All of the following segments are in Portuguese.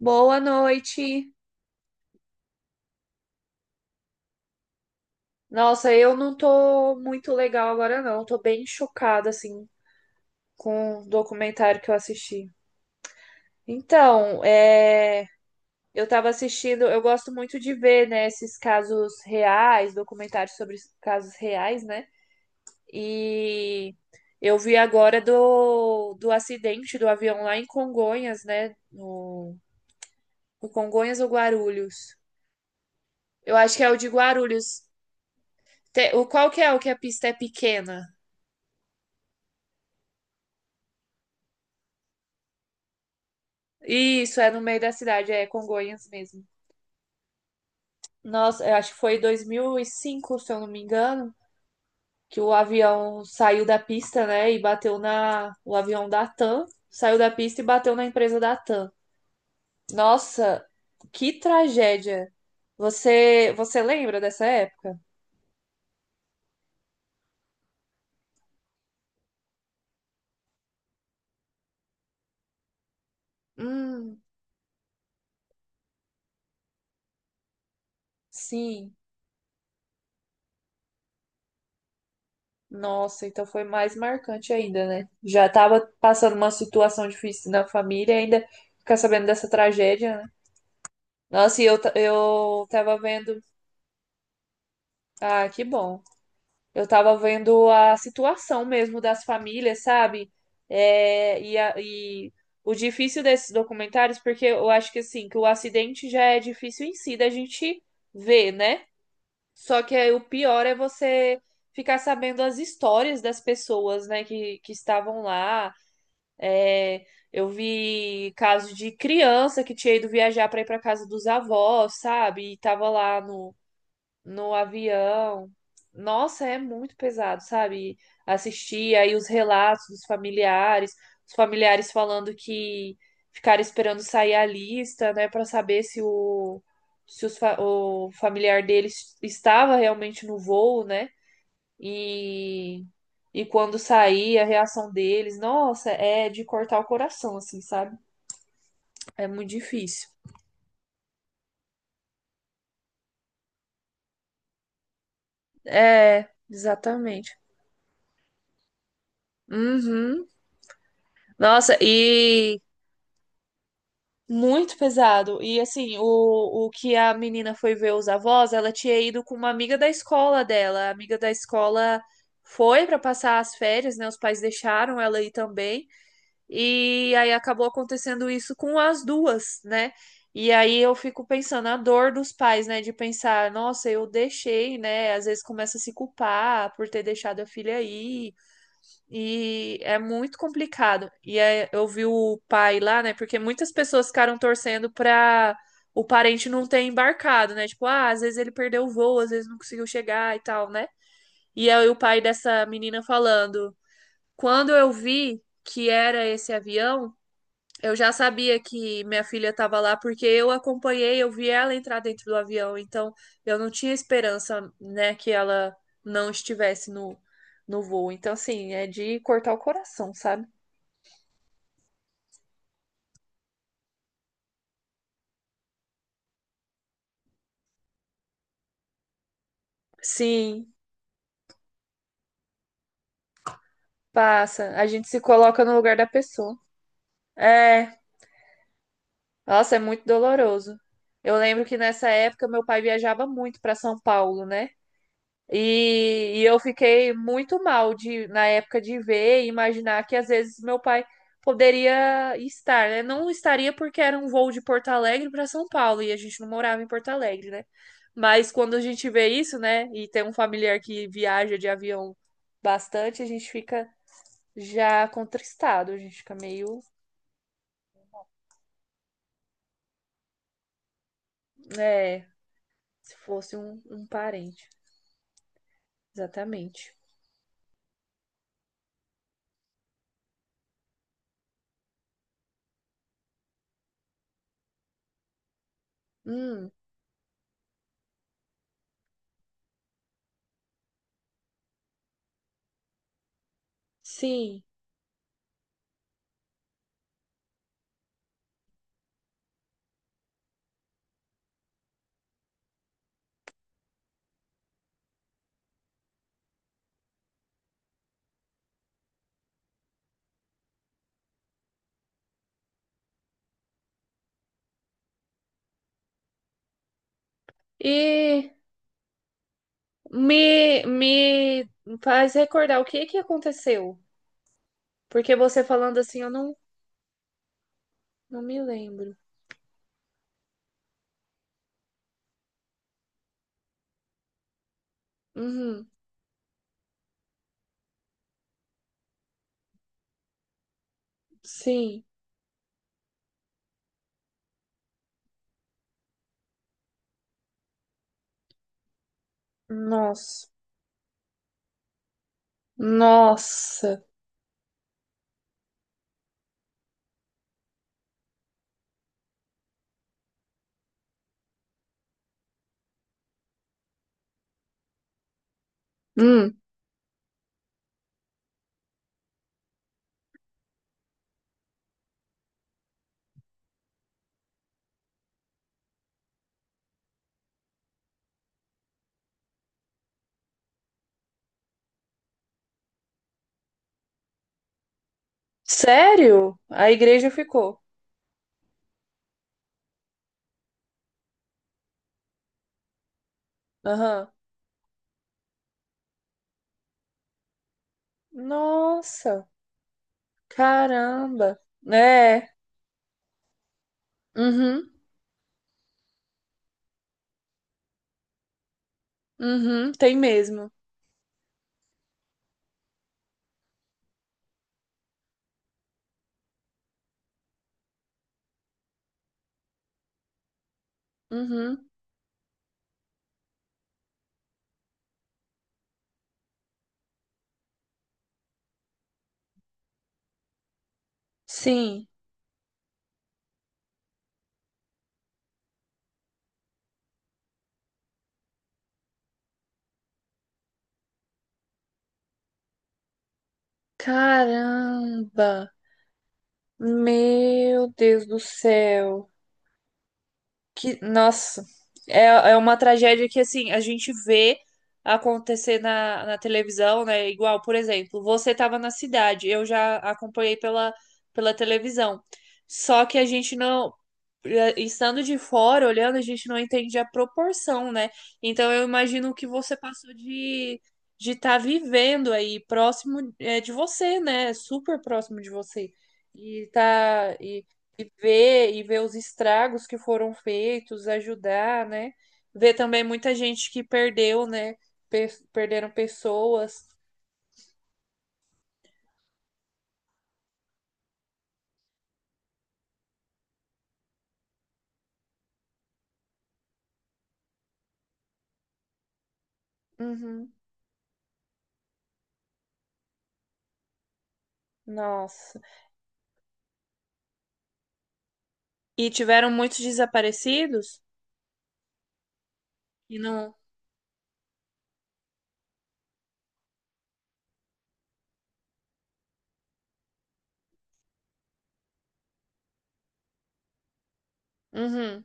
Boa noite. Nossa, eu não tô muito legal agora, não. Tô bem chocada, assim, com o documentário que eu assisti. Então, é... eu tava assistindo, eu gosto muito de ver, né, esses casos reais, documentários sobre casos reais, né? E eu vi agora do acidente do avião lá em Congonhas, né? No, no Congonhas ou Guarulhos? Eu acho que é o de Guarulhos. O qual que é o que a pista é pequena? Isso, é no meio da cidade, é Congonhas mesmo. Nossa, eu acho que foi 2005, se eu não me engano, que o avião saiu da pista, né, e bateu na... O avião da TAM saiu da pista e bateu na empresa da TAM. Nossa, que tragédia. Você lembra dessa época? Hum, sim. Nossa, então foi mais marcante ainda, né? Já tava passando uma situação difícil na família, ainda ficar sabendo dessa tragédia, né? Nossa, e eu tava vendo. Ah, que bom. Eu tava vendo a situação mesmo das famílias, sabe? E o difícil desses documentários, porque eu acho que assim, que o acidente já é difícil em si da gente ver, né? Só que aí o pior é você ficar sabendo as histórias das pessoas, né, que estavam lá. É, eu vi caso de criança que tinha ido viajar para ir para casa dos avós, sabe? E tava lá no avião. Nossa, é muito pesado, sabe? Assistir aí os relatos dos familiares, os familiares falando que ficaram esperando sair a lista, né, para saber se o se os fa- o familiar deles estava realmente no voo, né? E e quando sair a reação deles, nossa, é de cortar o coração, assim, sabe? É muito difícil. É, exatamente. Uhum. Nossa, e muito pesado. E assim, o que a menina foi ver os avós, ela tinha ido com uma amiga da escola dela. A amiga da escola foi para passar as férias, né? Os pais deixaram ela ir também. E aí acabou acontecendo isso com as duas, né? E aí eu fico pensando a dor dos pais, né? De pensar, nossa, eu deixei, né? Às vezes começa a se culpar por ter deixado a filha aí. E é muito complicado. Eu vi o pai lá, né? Porque muitas pessoas ficaram torcendo pra o parente não ter embarcado, né? Tipo, ah, às vezes ele perdeu o voo, às vezes não conseguiu chegar e tal, né? E aí o pai dessa menina falando: quando eu vi que era esse avião. Eu já sabia que minha filha estava lá porque eu acompanhei, eu vi ela entrar dentro do avião, então eu não tinha esperança, né, que ela não estivesse no voo. Então, assim, é de cortar o coração, sabe? Sim, passa. A gente se coloca no lugar da pessoa. É, nossa, é muito doloroso. Eu lembro que nessa época meu pai viajava muito para São Paulo, né? E eu fiquei muito mal de, na época de ver e imaginar que às vezes meu pai poderia estar, né? Não estaria porque era um voo de Porto Alegre para São Paulo e a gente não morava em Porto Alegre, né? Mas quando a gente vê isso, né, e tem um familiar que viaja de avião bastante, a gente fica já contristado, a gente fica meio, né, se fosse um parente, exatamente. Hum, sim. E me faz recordar o que que aconteceu. Porque você falando assim, eu não, não me lembro. Uhum, sim. Nossa. Nossa. Hum, sério? A igreja ficou. Aham. Nossa. Caramba. É. Uhum, uhum, tem mesmo. Uhum, sim. Caramba. Meu Deus do céu. Que, nossa, é uma tragédia que, assim, a gente vê acontecer na televisão, né? Igual, por exemplo, você estava na cidade, eu já acompanhei pela, pela televisão. Só que a gente não, eh, estando de fora, olhando, a gente não entende a proporção, né? Então, eu imagino o que você passou de estar vivendo aí, próximo, eh, de você, né? Super próximo de você. E tá. E e ver os estragos que foram feitos, ajudar, né? Ver também muita gente que perdeu, né? Perderam pessoas. Uhum. Nossa. E tiveram muitos desaparecidos? E não. Uhum.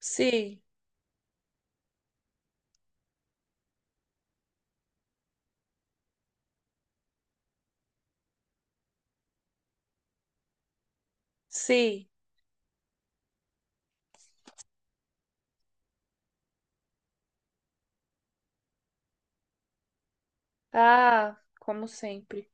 Sim, sim. Ah, como sempre.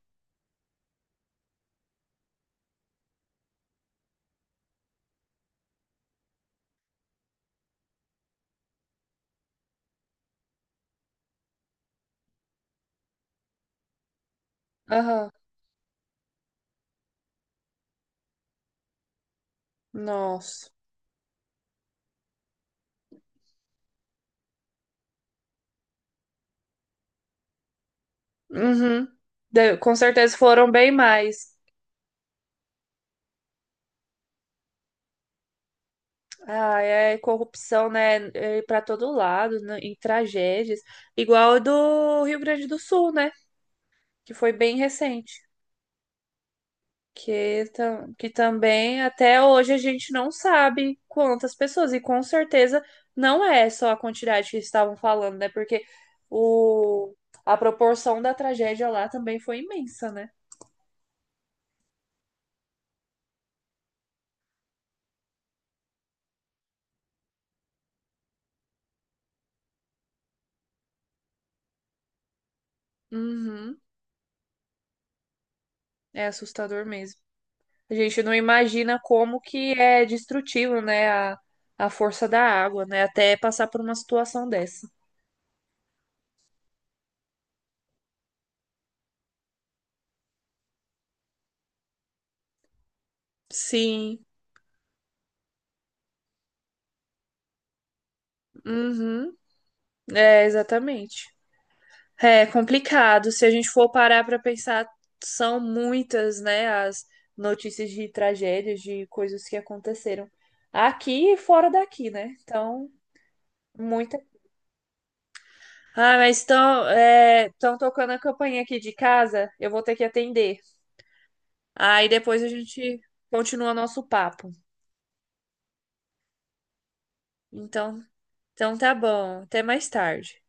Aham. Nossa. Uhum. Com certeza foram bem mais. Ah, é corrupção, né? É para todo lado, né, em tragédias. Igual a do Rio Grande do Sul, né? Que foi bem recente. Que, que também até hoje a gente não sabe quantas pessoas. E com certeza não é só a quantidade que estavam falando, né? Porque o... a proporção da tragédia lá também foi imensa, né? Uhum. É assustador mesmo. A gente não imagina como que é destrutivo, né, a força da água, né, até passar por uma situação dessa. Sim, uhum, é, exatamente. É complicado, se a gente for parar para pensar, são muitas, né, as notícias de tragédias, de coisas que aconteceram aqui e fora daqui, né, então, muita... Ah, mas tão tocando a campainha aqui de casa, eu vou ter que atender. Aí depois a gente continua nosso papo. Então, então tá bom. Até mais tarde.